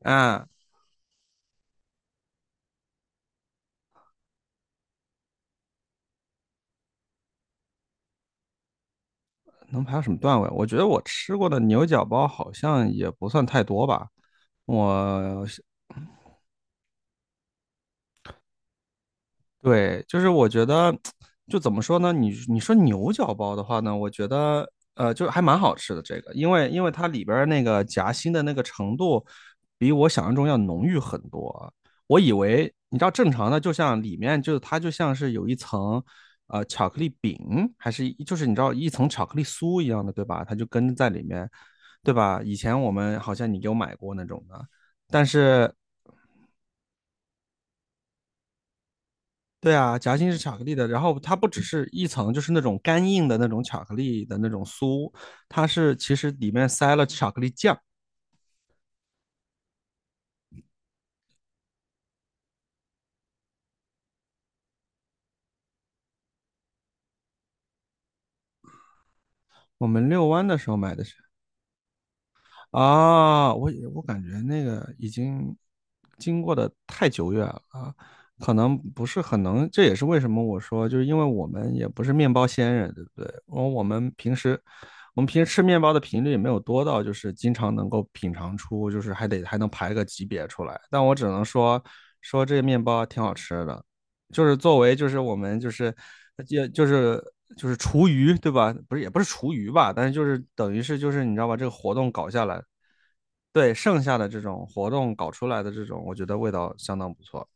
啊，能排到什么段位？我觉得我吃过的牛角包好像也不算太多吧。我对，就是我觉得，就怎么说呢？你说牛角包的话呢，我觉得就还蛮好吃的这个，因为它里边儿那个夹心的那个程度，比我想象中要浓郁很多啊。我以为你知道正常的，就像里面就是它就像是有一层巧克力饼，还是就是你知道一层巧克力酥一样的，对吧？它就跟在里面，对吧？以前我们好像你给我买过那种的。但是对啊，夹心是巧克力的，然后它不只是一层，就是那种干硬的那种巧克力的那种酥，它是其实里面塞了巧克力酱。我们遛弯的时候买的是啊，我感觉那个已经经过的太久远了啊，可能不是很能，这也是为什么我说，就是因为我们也不是面包仙人，对不对？然后我们平时吃面包的频率也没有多到，就是经常能够品尝出，就是还得还能排个级别出来。但我只能说说这个面包挺好吃的，就是作为就是我们就就是就是厨余对吧？不是也不是厨余吧，但是就是等于是就是你知道吧？这个活动搞下来，对剩下的这种活动搞出来的这种，我觉得味道相当不错。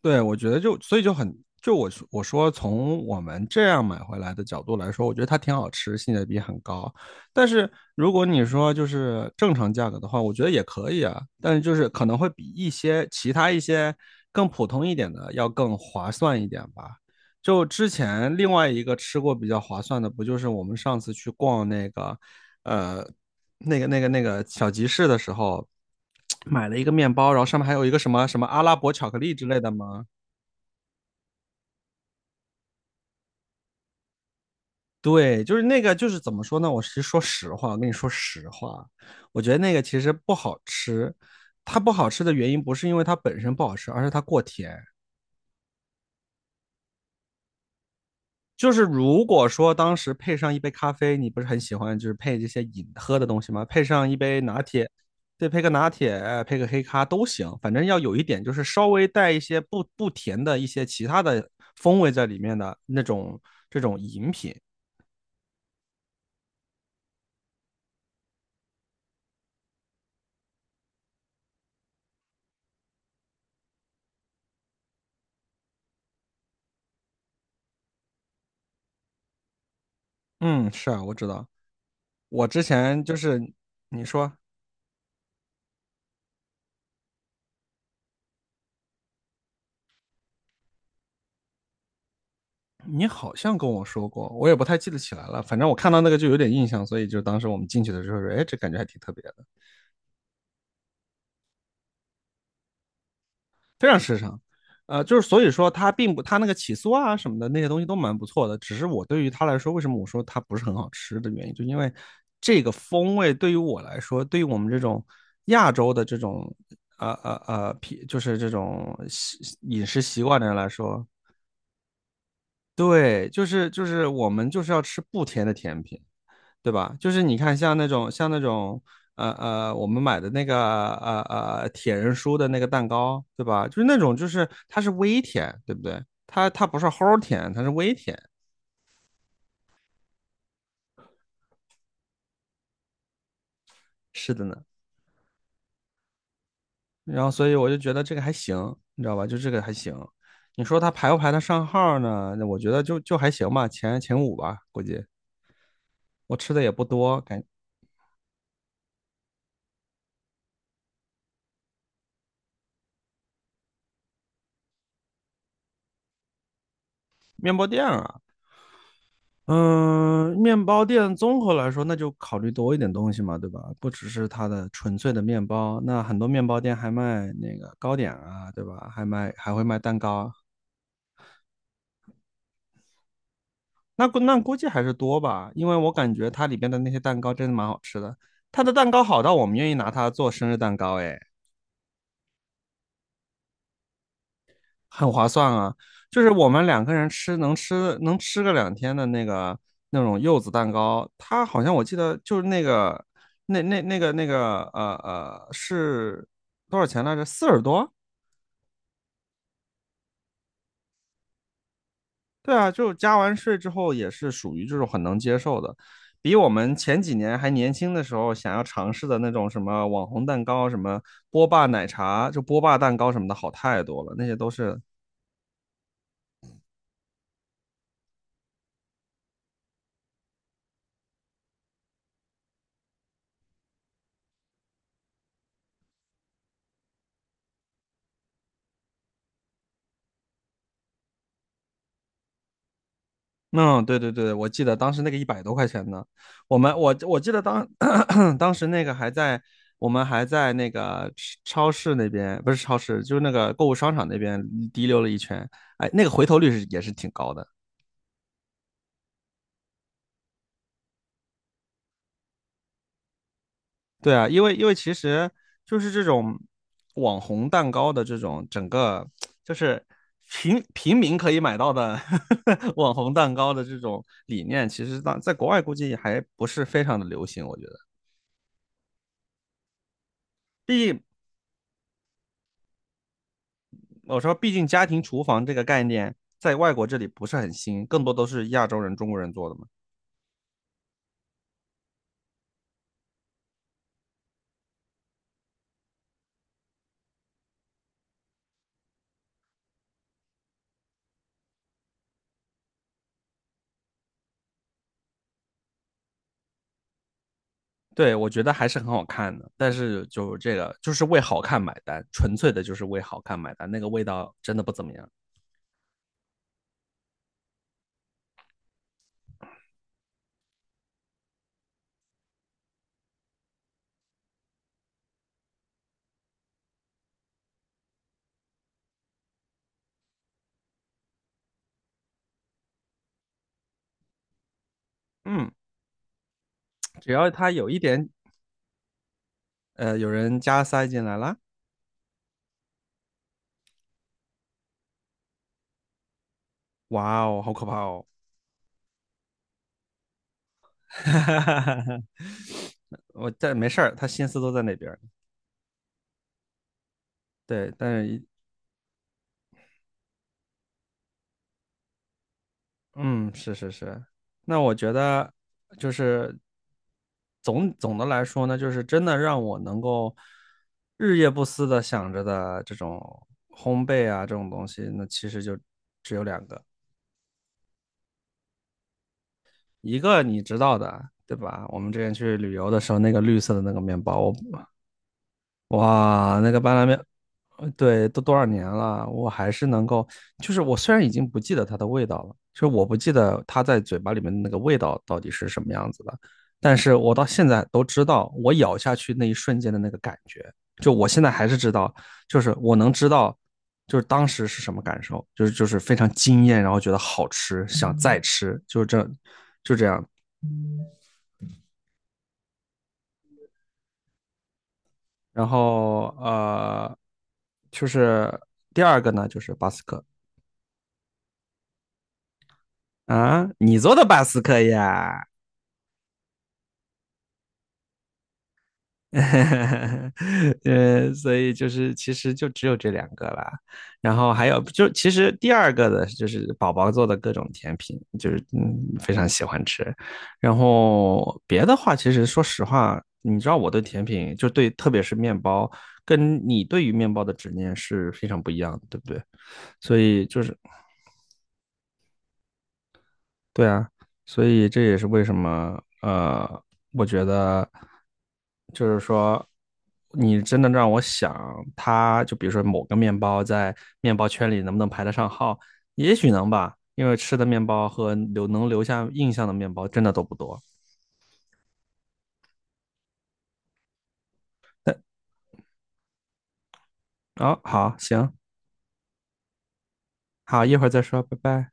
对，我觉得就所以就很就我说从我们这样买回来的角度来说，我觉得它挺好吃，性价比很高。但是如果你说就是正常价格的话，我觉得也可以啊，但是就是可能会比一些其他一些更普通一点的要更划算一点吧。就之前另外一个吃过比较划算的，不就是我们上次去逛呃那个小集市的时候，买了一个面包，然后上面还有一个什么什么阿拉伯巧克力之类的吗？对，就是那个，就是怎么说呢？我是说实话，我跟你说实话，我觉得那个其实不好吃。它不好吃的原因不是因为它本身不好吃，而是它过甜。就是如果说当时配上一杯咖啡，你不是很喜欢就是配这些饮喝的东西吗？配上一杯拿铁，对，配个拿铁，配个黑咖都行，反正要有一点就是稍微带一些不甜的一些其他的风味在里面的那种这种饮品。嗯，是啊，我知道。我之前就是你说。你好像跟我说过，我也不太记得起来了。反正我看到那个就有点印象，所以就当时我们进去的时候说，哎，这感觉还挺特别的，非常时尚。就是所以说它并不，它那个起酥啊什么的那些东西都蛮不错的。只是我对于它来说，为什么我说它不是很好吃的原因，就因为这个风味对于我来说，对于我们这种亚洲的这种呃呃呃就是这种饮食习惯的人来说，对，就是就是我们就是要吃不甜的甜品。对吧？就是你看，像那种我们买的那个铁人酥的那个蛋糕，对吧？就是那种就是它是微甜，对不对？它不是齁甜，它是微甜。是的呢。然后所以我就觉得这个还行，你知道吧？就这个还行。你说它排不排得上号呢？那我觉得就还行吧，前五吧，估计。我吃的也不多，面包店啊，嗯，面包店综合来说，那就考虑多一点东西嘛，对吧？不只是它的纯粹的面包，那很多面包店还卖那个糕点啊，对吧？还会卖蛋糕，那估计还是多吧，因为我感觉它里边的那些蛋糕真的蛮好吃的，它的蛋糕好到我们愿意拿它做生日蛋糕，诶。很划算啊。就是我们两个人吃能吃个2天的那个那种柚子蛋糕，它好像我记得就是那个那个是多少钱来着？40多？对啊，就加完税之后也是属于这种很能接受的，比我们前几年还年轻的时候想要尝试的那种什么网红蛋糕、什么波霸奶茶、就波霸蛋糕什么的好太多了，那些都是。嗯，对对对，我记得当时那个100多块钱呢，我们我我记得当 当时那个还在我们还在那个超市那边，不是超市，就是那个购物商场那边滴溜了一圈，哎，那个回头率是也是挺高的。对啊，因为其实就是这种网红蛋糕的这种整个就是平民可以买到的 网红蛋糕的这种理念，其实当在国外估计还不是非常的流行，我觉得。毕竟我说，毕竟家庭厨房这个概念在外国这里不是很新，更多都是亚洲人、中国人做的嘛。对，我觉得还是很好看的，但是就这个就是为好看买单，纯粹的就是为好看买单，那个味道真的不怎么样。嗯，只要它有一点，有人加塞进来了，哇哦，好可怕哦！我在没事儿，他心思都在那边。对，但是嗯，是是是，那我觉得就是总的来说呢，就是真的让我能够日夜不思的想着的这种烘焙啊这种东西，那其实就只有两个，一个你知道的，对吧？我们之前去旅游的时候，那个绿色的那个面包，哇，那个巴拿面呃，对，都多少年了，我还是能够，就是我虽然已经不记得它的味道了，就是我不记得它在嘴巴里面的那个味道到底是什么样子的，但是我到现在都知道，我咬下去那一瞬间的那个感觉，就我现在还是知道，就是我能知道，就是当时是什么感受，就是非常惊艳，然后觉得好吃，想再吃，就是这，就这样。然后就是第二个呢，就是巴斯克。啊，你做的巴斯克呀？所以就是其实就只有这两个啦，然后还有就其实第二个的就是宝宝做的各种甜品，就是非常喜欢吃，然后别的话其实说实话，你知道我对甜品就对特别是面包，跟你对于面包的执念是非常不一样的，对不对？所以就是对啊，所以这也是为什么，我觉得就是说，你真的让我想，它就比如说某个面包在面包圈里能不能排得上号，也许能吧，因为吃的面包和能留下印象的面包真的都不多。好，好，行，好，一会儿再说，拜拜。